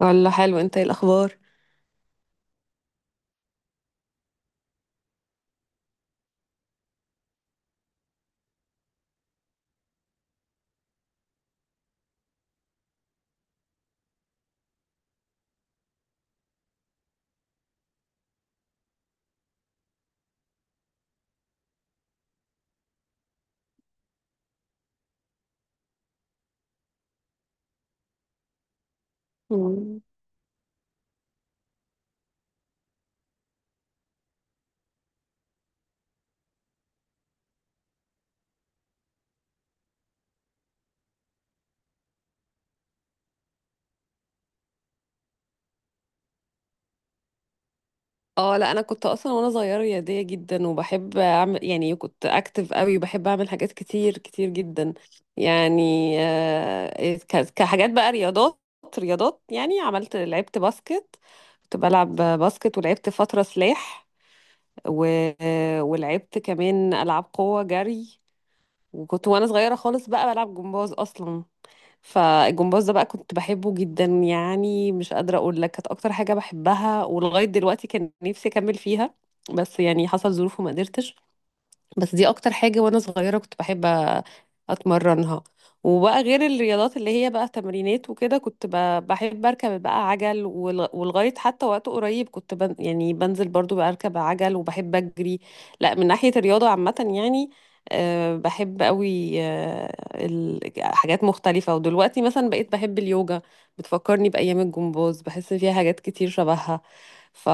والله حلو، انت ايه الاخبار؟ مم. اه، لا، انا كنت اصلا وانا صغيره رياضيه جدا وبحب اعمل، يعني كنت اكتف قوي وبحب اعمل حاجات كتير كتير جدا. يعني كحاجات بقى رياضات، يعني لعبت باسكت. كنت بلعب باسكت، ولعبت فتره سلاح، و... ولعبت كمان العاب قوه جري. وكنت وانا صغيره خالص بقى بلعب جمباز اصلا. فالجمباز ده بقى كنت بحبه جدا، يعني مش قادرة أقول لك، كانت أكتر حاجة بحبها، ولغاية دلوقتي كان نفسي أكمل فيها، بس يعني حصل ظروف وما قدرتش. بس دي اكتر حاجة وانا صغيرة كنت بحب اتمرنها. وبقى غير الرياضات اللي هي بقى تمرينات وكده، كنت بحب اركب بقى عجل، ولغاية حتى وقت قريب كنت بن يعني بنزل برضو بقى اركب عجل وبحب اجري. لا، من ناحية الرياضة عامة يعني بحب قوي حاجات مختلفة. ودلوقتي مثلا بقيت بحب اليوجا، بتفكرني بأيام الجمباز، بحس فيها حاجات كتير شبهها. ف...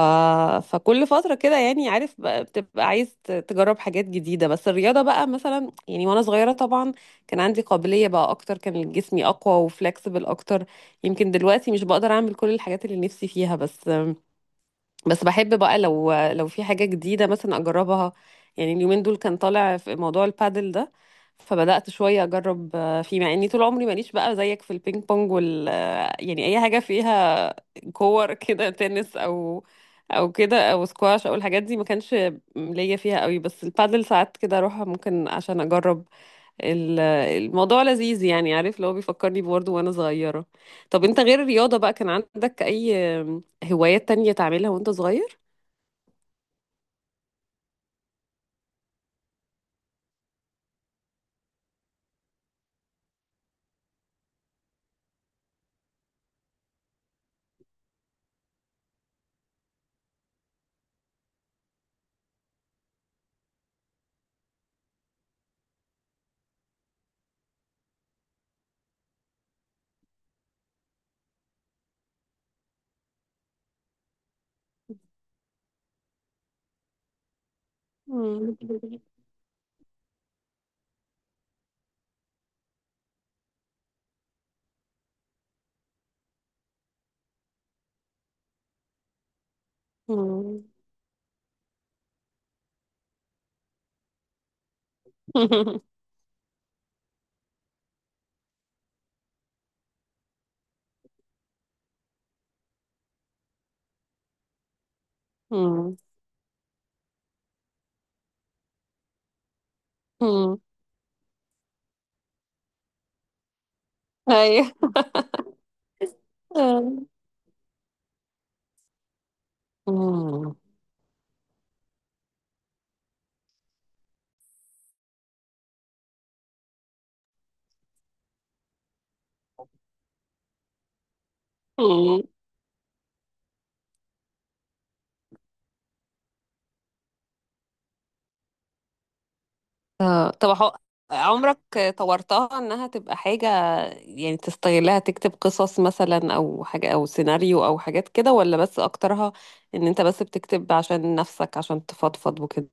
فكل فترة كده، يعني عارف بقى بتبقى عايز تجرب حاجات جديدة. بس الرياضة بقى مثلا، يعني وانا صغيرة طبعا كان عندي قابلية بقى اكتر، كان جسمي اقوى وفلكسبل اكتر. يمكن دلوقتي مش بقدر اعمل كل الحاجات اللي نفسي فيها، بس بحب بقى، لو في حاجة جديدة مثلا أجربها. يعني اليومين دول كان طالع في موضوع البادل ده، فبدأت شوية أجرب فيه، مع إني طول عمري ماليش بقى زيك في البينج بونج وال آه، يعني أي حاجة فيها كور كده، تنس أو كده أو سكواش أو الحاجات دي ما كانش ليا فيها قوي. بس البادل ساعات كده أروح ممكن عشان أجرب. الموضوع لذيذ، يعني عارف، لو بيفكرني برضه وانا صغيرة. طب انت غير الرياضة بقى، كان عندك اي هوايات تانية تعملها وانت صغير؟ مم. مم. مم. مم. ايوه. مم. مم. طب، عمرك طورتها انها تبقى حاجة، يعني تستغلها تكتب قصص مثلا او حاجة او سيناريو او حاجات كده؟ ولا بس اكترها ان انت بس بتكتب عشان نفسك، عشان تفضفض وكده؟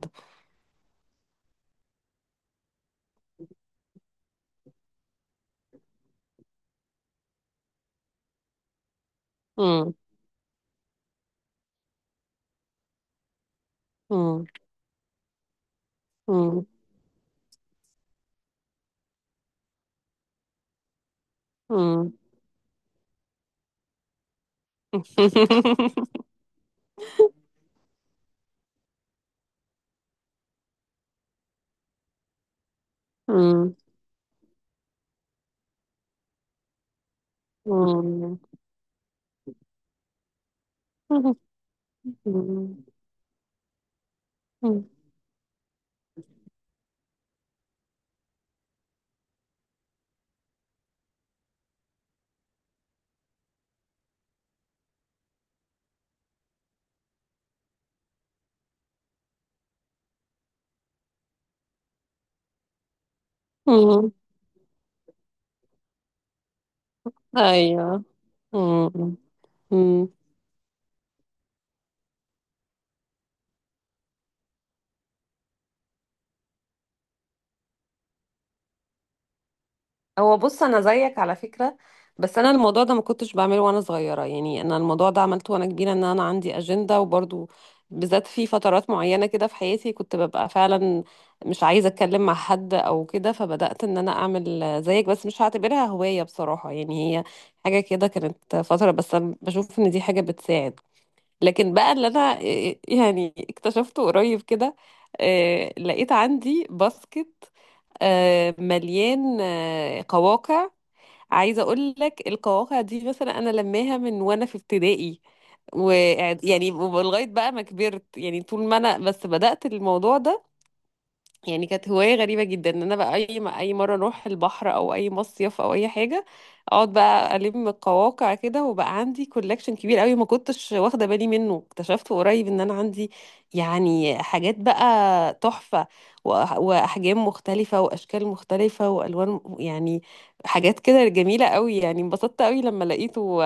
إمم، إمم، إمم. إمم، إمم، إمم، إمم، إمم، أيوه، إمم، إمم. هو بص، انا زيك على فكره، بس انا الموضوع ده ما كنتش بعمله وانا صغيره. يعني انا الموضوع ده عملته وانا كبيره، ان انا عندي اجنده، وبرضو بالذات في فترات معينه كده في حياتي كنت ببقى فعلا مش عايزه اتكلم مع حد او كده، فبدات ان انا اعمل زيك. بس مش هعتبرها هوايه بصراحه، يعني هي حاجه كده، كانت فتره، بس انا بشوف ان دي حاجه بتساعد. لكن بقى اللي انا يعني اكتشفته قريب كده، لقيت عندي باسكت مليان قواقع. عايزه اقول لك، القواقع دي مثلا انا لماها من وانا في ابتدائي، ويعني لغايه بقى ما كبرت، يعني طول ما انا بس بدات الموضوع ده. يعني كانت هواية غريبة جدا ان انا بقى اي ما اي مرة اروح البحر او اي مصيف او اي حاجة، اقعد بقى الم القواقع كده، وبقى عندي كولكشن كبير قوي ما كنتش واخدة بالي منه. اكتشفت قريب ان انا عندي يعني حاجات بقى تحفة، واحجام مختلفة واشكال مختلفة والوان، يعني حاجات كده جميلة قوي. يعني انبسطت قوي لما لقيته،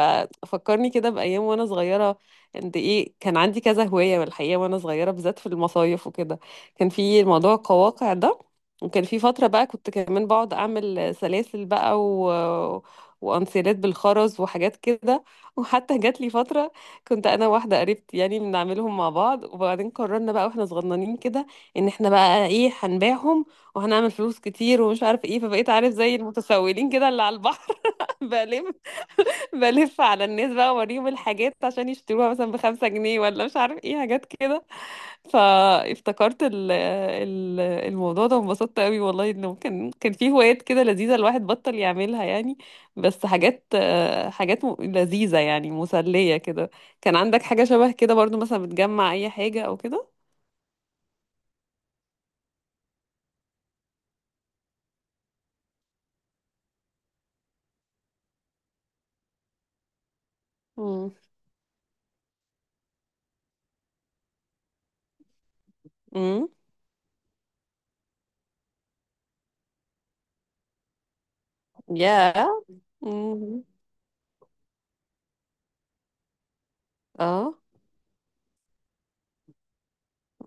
فكرني كده بايام وانا صغيرة قد ايه كان عندي كذا هواية. والحقيقة وانا صغيرة بالذات في المصايف وكده كان في موضوع القواقع ده، وكان في فترة بقى كنت كمان بقعد أعمل سلاسل بقى، و... وأنسيلات بالخرز وحاجات كده وحتى جات لي فترة كنت أنا واحدة قريبتي يعني بنعملهم مع بعض، وبعدين قررنا بقى واحنا صغننين كده إن احنا بقى إيه، هنبيعهم وهنعمل فلوس كتير ومش عارف إيه. فبقيت عارف زي المتسولين كده اللي على البحر بلف بلف على الناس بقى، وأوريهم الحاجات عشان يشتروها مثلا ب5 جنيه ولا مش عارف إيه، حاجات كده. فافتكرت ال الموضوع ده، وانبسطت قوي والله. انه كان في هوايات كده لذيذة الواحد بطل يعملها يعني، بس حاجات حاجات لذيذة، يعني مسلية كده. كان عندك حاجة شبه كده برضو، مثلا بتجمع اي حاجة او كده؟ امم. امم. يا. امم. اه.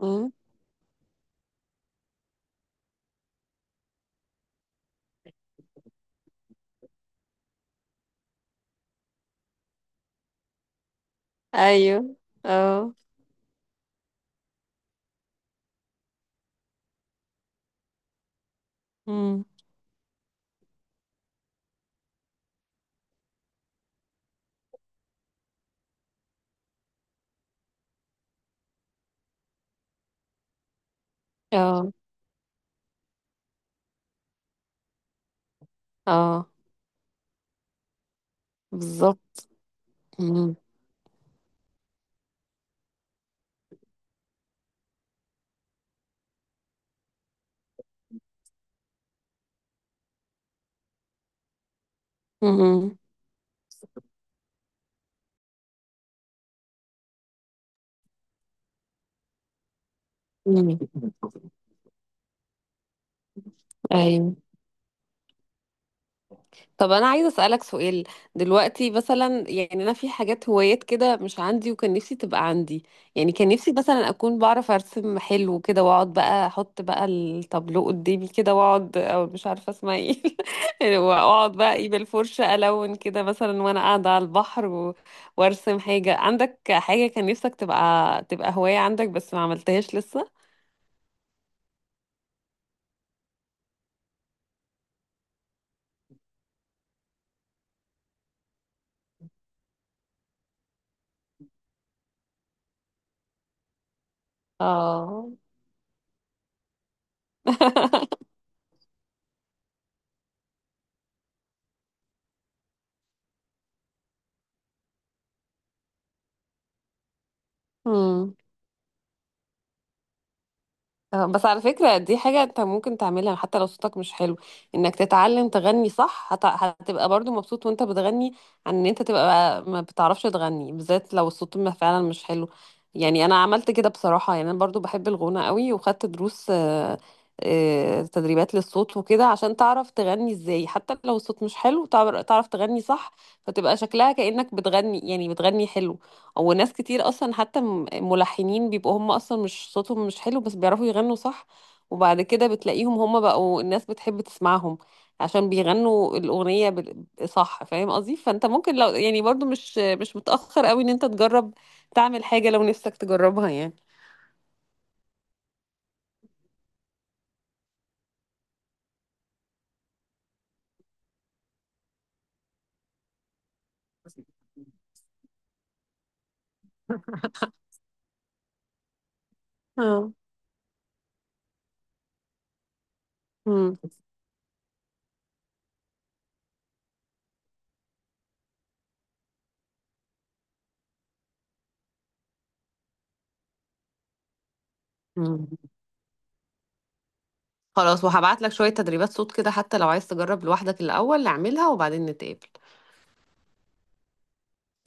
امم. ايوه. اه. امم. اه. اه. بالظبط. امم. امم. أمم. ايوه. طب انا عايزه اسالك سؤال. دلوقتي مثلا يعني انا في حاجات هوايات كده مش عندي وكان نفسي تبقى عندي. يعني كان نفسي مثلا اكون بعرف ارسم حلو كده، واقعد بقى احط بقى التابلو قدامي كده واقعد، او مش عارفه اسمها ايه واقعد بقى ايه بالفرشه الون كده مثلا وانا قاعده على البحر و... وارسم حاجه. عندك حاجه كان نفسك تبقى هوايه عندك بس ما عملتهاش لسه؟ اه. مم. بس على فكرة دي حاجة انت ممكن تعملها حتى لو صوتك مش حلو، انك تتعلم تغني صح. هتبقى برضو مبسوط وانت بتغني، عن ان انت تبقى ما بتعرفش تغني، بالذات لو الصوت ما فعلا مش حلو. يعني انا عملت كده بصراحة، يعني انا برضو بحب الغنى قوي وخدت دروس، تدريبات للصوت وكده عشان تعرف تغني ازاي. حتى لو الصوت مش حلو، تعرف تغني صح، فتبقى شكلها كأنك بتغني، يعني بتغني حلو. وناس كتير اصلا، حتى ملحنين بيبقوا هم اصلا مش صوتهم مش حلو بس بيعرفوا يغنوا صح، وبعد كده بتلاقيهم هم بقوا الناس بتحب تسمعهم عشان بيغنوا الأغنية صح. فاهم قصدي؟ فانت ممكن، لو يعني برضو مش متأخر قوي، ان انت تجرب تعمل حاجة لو نفسك تجربها يعني. اه. مم. مم. خلاص، وهبعت لك شوية تدريبات صوت كده، حتى لو عايز تجرب لوحدك الأول اعملها، وبعدين نتقابل.